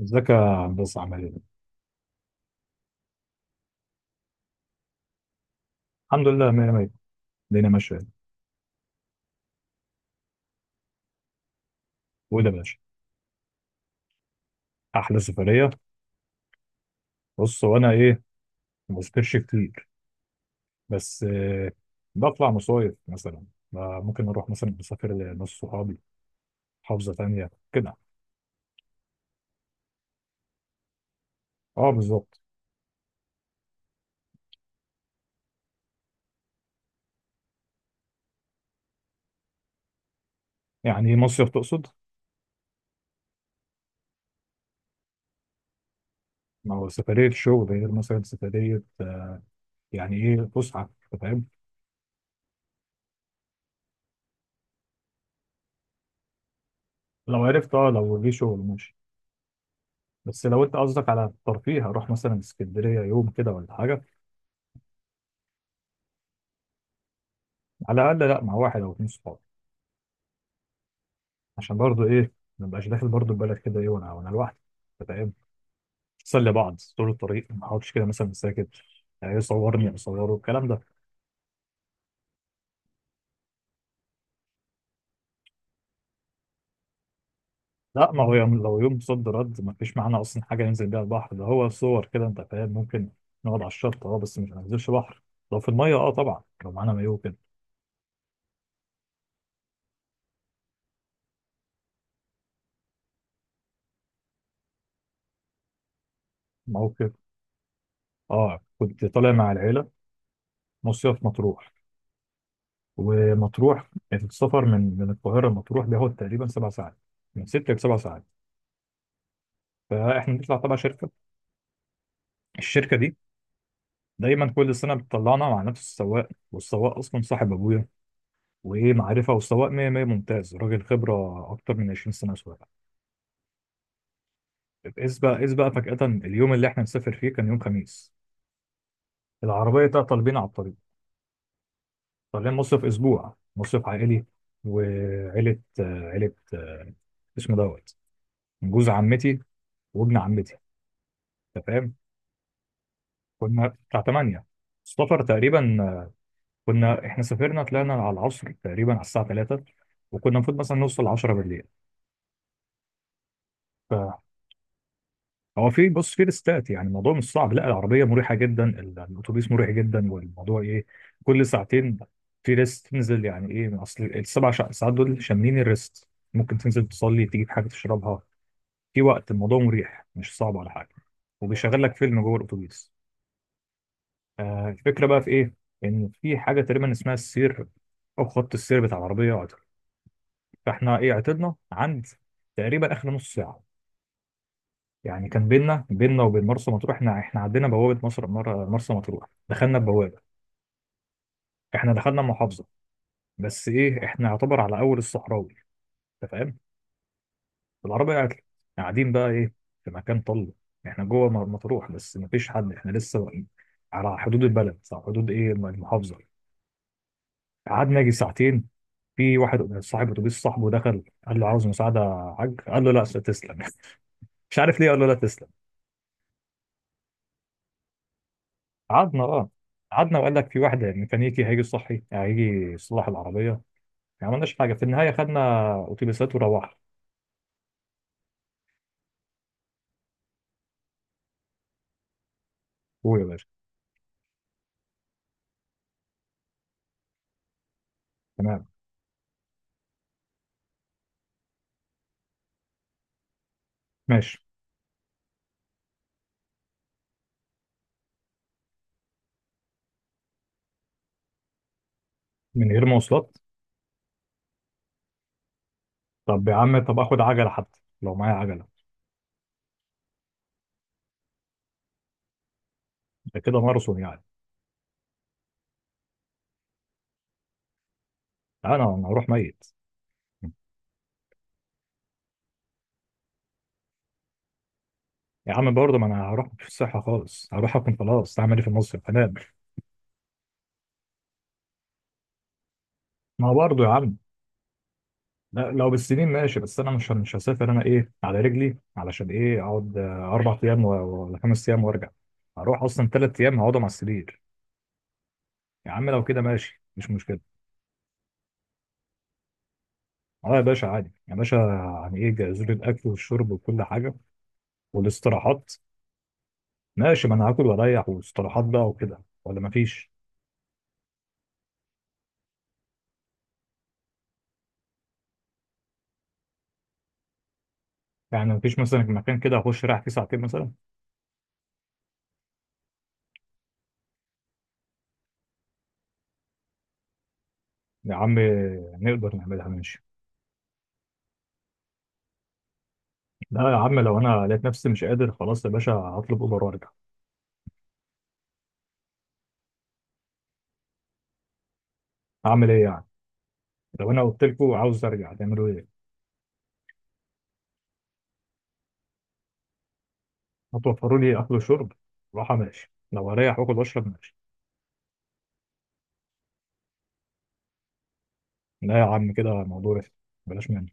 ازيك يا هندسه، عامل ايه؟ الحمد لله، 100 100. الدنيا ماشيه. وايه ده يا باشا، احلى سفريه؟ بص، وانا ايه، ما بسافرش كتير، بس بطلع مصايف مثلا. ممكن اروح مثلا مسافر لناس صحابي، محافظه تانيه كده. اه، بالظبط. يعني ايه مصيف تقصد؟ ما هو سفريه شغل غير مثلا سفريه يعني ايه فسحه، أنت فاهم؟ لو عرفت، لو جه شغل ماشي. بس لو انت قصدك على الترفيه، هروح مثلا اسكندريه يوم كده ولا حاجه. على الاقل لا، مع واحد او اتنين صحاب. عشان برضو ايه، ما بقاش داخل برضو البلد كده ايه وانا لوحدي. أنت فاهم؟ نسلي بعض طول الطريق، ما اقعدش كده مثلا ساكت. يعني يصورني، اصوره الكلام ده. لا، ما هو يوم، لو يوم صد رد، ما فيش معانا اصلا حاجه ننزل بيها البحر. ده هو صور كده انت فاهم. ممكن نقعد على الشط، اه، بس مش هننزلش بحر. لو في الميه، اه، طبعا لو معانا مايو كده. موقف، اه، كنت طالع مع العيله، مصيف مطروح. ومطروح السفر من القاهره لمطروح بياخد تقريبا 7 ساعات، من 6 ل7 ساعات. فاحنا بنطلع تبع شركه، الشركه دي دايما كل سنه بتطلعنا مع نفس السواق، والسواق اصلا صاحب ابويا وايه معرفه. والسواق 100 100، ممتاز، راجل خبره اكتر من 20 سنه سواقه. اذ بقى فجاه، اليوم اللي احنا نسافر فيه كان يوم خميس، العربيه تعطل بينا على الطريق. طالعين مصيف، اسبوع مصيف عائلي. وعيله آه، عيله آه، اسمه دوت، جوز عمتي وابن عمتي، انت فاهم. كنا بتاع 8، السفر تقريبا، كنا سافرنا، طلعنا على العصر تقريبا على الساعه 3، وكنا المفروض مثلا نوصل 10 بالليل. ف- هو في، بص، في ريستات، يعني الموضوع مش صعب. لا، العربيه مريحه جدا، الاتوبيس مريح جدا، والموضوع ايه، كل ساعتين في ريست تنزل. يعني ايه، من اصل السبع ساعات دول شاملين الريست. ممكن تنزل تصلي، تجيب حاجه تشربها، في وقت، الموضوع مريح، مش صعب ولا حاجه، وبيشغل لك فيلم جوه الاتوبيس. الفكره بقى في ايه، ان في حاجه تقريبا اسمها السير او خط السير بتاع العربيه عطل. فاحنا ايه، عطلنا عند تقريبا اخر نص ساعه. يعني كان بينا وبين مرسى مطروح، احنا عدينا بوابه مصر مرسى مطروح، دخلنا البوابه، احنا دخلنا المحافظه، بس ايه، احنا يعتبر على اول الصحراوي، انت فاهم. العربيه قاعدين بقى ايه، في مكان طل. احنا جوه مطروح بس مفيش حد، احنا لسه واقفين على حدود البلد، على حدود ايه، المحافظه. قعدنا يجي ساعتين. في واحد صاحب اتوبيس صاحبه دخل قال له عاوز مساعده يا حاج، قال له لا، تسلم. مش عارف ليه قال له لا تسلم. قعدنا اه قعدنا وقال لك في واحد ميكانيكي هيجي يصحي، يعني هيجي يصلح العربيه يعني. ما عملناش حاجه، في النهايه خدنا اتوبيسات وروحنا. هو يا باشا، تمام، ماشي، من غير مواصلات؟ طب يا عم، طب اخد عجله حتى، لو معايا عجله. ده كده ماراثون يعني. انا هروح ميت. يا عم برضه، ما انا هروح في الصحه خالص، هروح اكون خلاص، هعمل ايه في المصيف، هنام. ما برضه يا عم، لا لو بالسنين ماشي، بس انا مش هسافر انا ايه على رجلي، علشان ايه اقعد 4 ايام ولا 5 ايام وارجع؟ هروح اصلا 3 ايام هقعدهم على السرير. يا عم لو كده ماشي، مش مشكله. اه يا باشا، عادي يا باشا، يعني ايه، جهزوا لي الاكل والشرب وكل حاجه والاستراحات، ماشي، ما انا هاكل واريح واستراحات بقى وكده، ولا مفيش؟ يعني مفيش مثلا مكان كده اخش رايح فيه ساعتين مثلا؟ يا عم نقدر نعملها، ماشي. لا يا عم، لو انا لقيت نفسي مش قادر خلاص يا باشا هطلب اوبر وارجع. اعمل ايه يعني، لو انا قلت لكم عاوز ارجع تعملوا ايه؟ هتوفروا لي اكل وشرب، راحه، ماشي، لو هريح واكل واشرب ماشي. لا يا عم، كده الموضوع رخم، بلاش منه.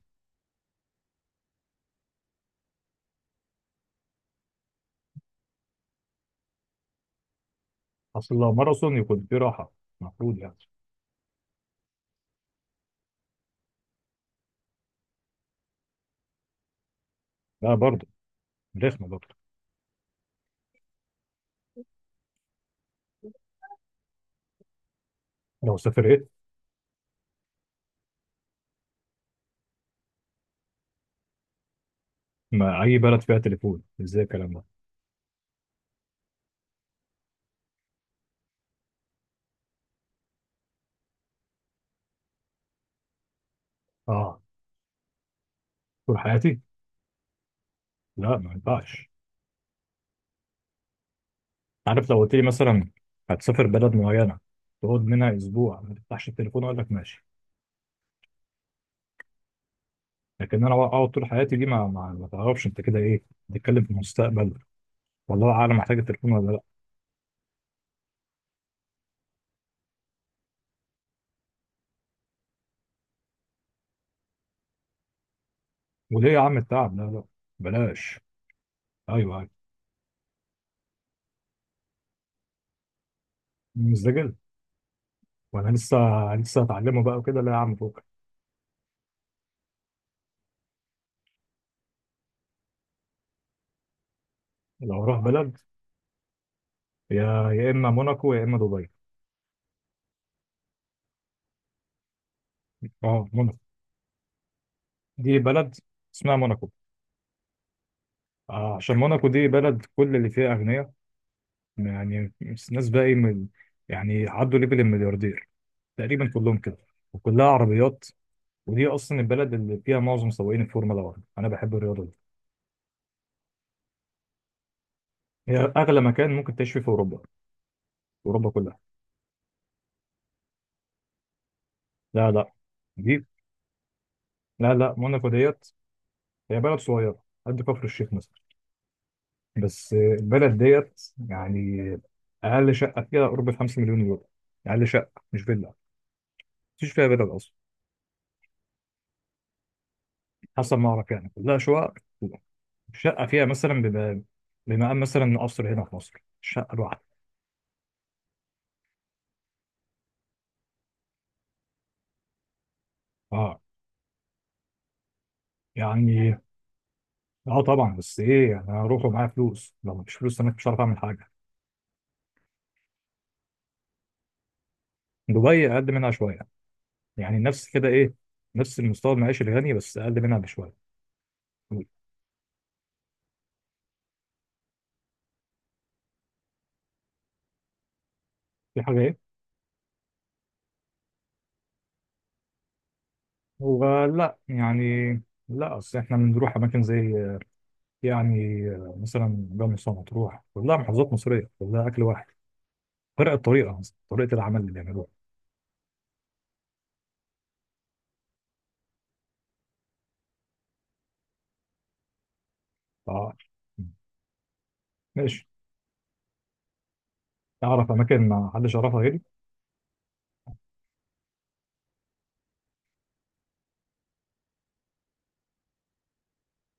اصل لو ماراثون يكون فيه راحه، المفروض يعني. لا برضه، رخمه برضه. لو سافرت، ما اي بلد فيها تليفون، ازاي الكلام ده؟ اه، طول حياتي؟ لا، ما ينفعش. عارف، لو قلت لي مثلا هتسافر بلد معينه، تقعد منها اسبوع ما تفتحش التليفون، اقول لك ماشي. لكن انا اقعد طول حياتي دي، ما تعرفش انت كده ايه، بتتكلم في المستقبل، والله اعلم محتاج التليفون ولا. وليه يا عم التعب، لا لا، بلاش. ايوه، ايوه، مزدجل. وانا لسه لسه هتعلمه بقى وكده، لا يا عم فوق. لو اروح بلد، يا اما موناكو يا اما دبي. اه، موناكو، دي بلد اسمها موناكو. آه، عشان موناكو دي بلد كل اللي فيها اغنياء، يعني ناس بقى ايه، من يعني عدوا ليفل الملياردير تقريبا كلهم كده. وكلها عربيات، ودي اصلا البلد اللي فيها معظم سواقين الفورمولا 1، انا بحب الرياضه دي. هي اغلى مكان ممكن تعيش فيه في اوروبا، في اوروبا كلها. لا لا، دي، لا لا، موناكو ديت هي بلد صغيرة قد كفر الشيخ مثلا، بس البلد ديت يعني أقل شقة فيها قرب 5 مليون يورو. أقل شقة، مش فيلا، مفيش فيها فيلا أصلا حسب ما أعرف، يعني كلها شقق. شقة فيها مثلا بمقام مثلا قصر هنا في مصر، شقة لوحدها. أه، يعني، أه طبعا، بس إيه يعني، أنا هروح ومعايا فلوس، لو مفيش فلوس أنا مش هعرف أعمل حاجة. دبي أقل منها شوية، يعني نفس كده إيه، نفس المستوى المعيشي الغني، بس أقل منها بشوية. في حاجة، هو لا يعني، لا اصل احنا بنروح اماكن زي يعني مثلا جمصة، مطروح، كلها محافظات مصريه، كلها اكل واحد. فرق الطريقه، مثلا طريقه العمل اللي بيعملوها. اه، ماشي. اعرف اماكن ما حدش يعرفها غيري.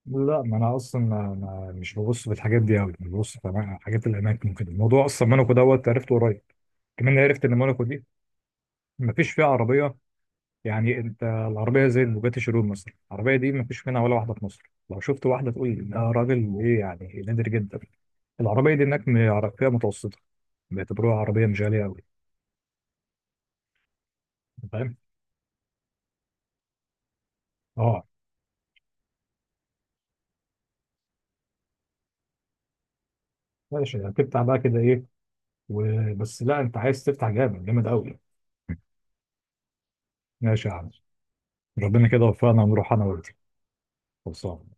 لا، ما انا اصلا مش ببص في الحاجات دي قوي، انا ببص في حاجات الاماكن كده. الموضوع اصلا موناكو دوت عرفته قريب كمان. عرفت ان موناكو دي ما فيش فيها عربيه، يعني انت العربيه زي البوجاتي شيرون مثلا، العربيه دي ما فيش منها ولا واحده في مصر، لو شفت واحده تقول ده راجل ايه، يعني نادر جدا. العربيه دي هناك فئه متوسطه، بيعتبروها عربيه مش غاليه قوي. فاهم، اه ماشي، يعني تفتح بقى كده ايه؟ وبس، لا انت عايز تفتح جامد جامد قوي. ماشي يا عم، ربنا كده وفقنا ونروح انا وانت. خلصان.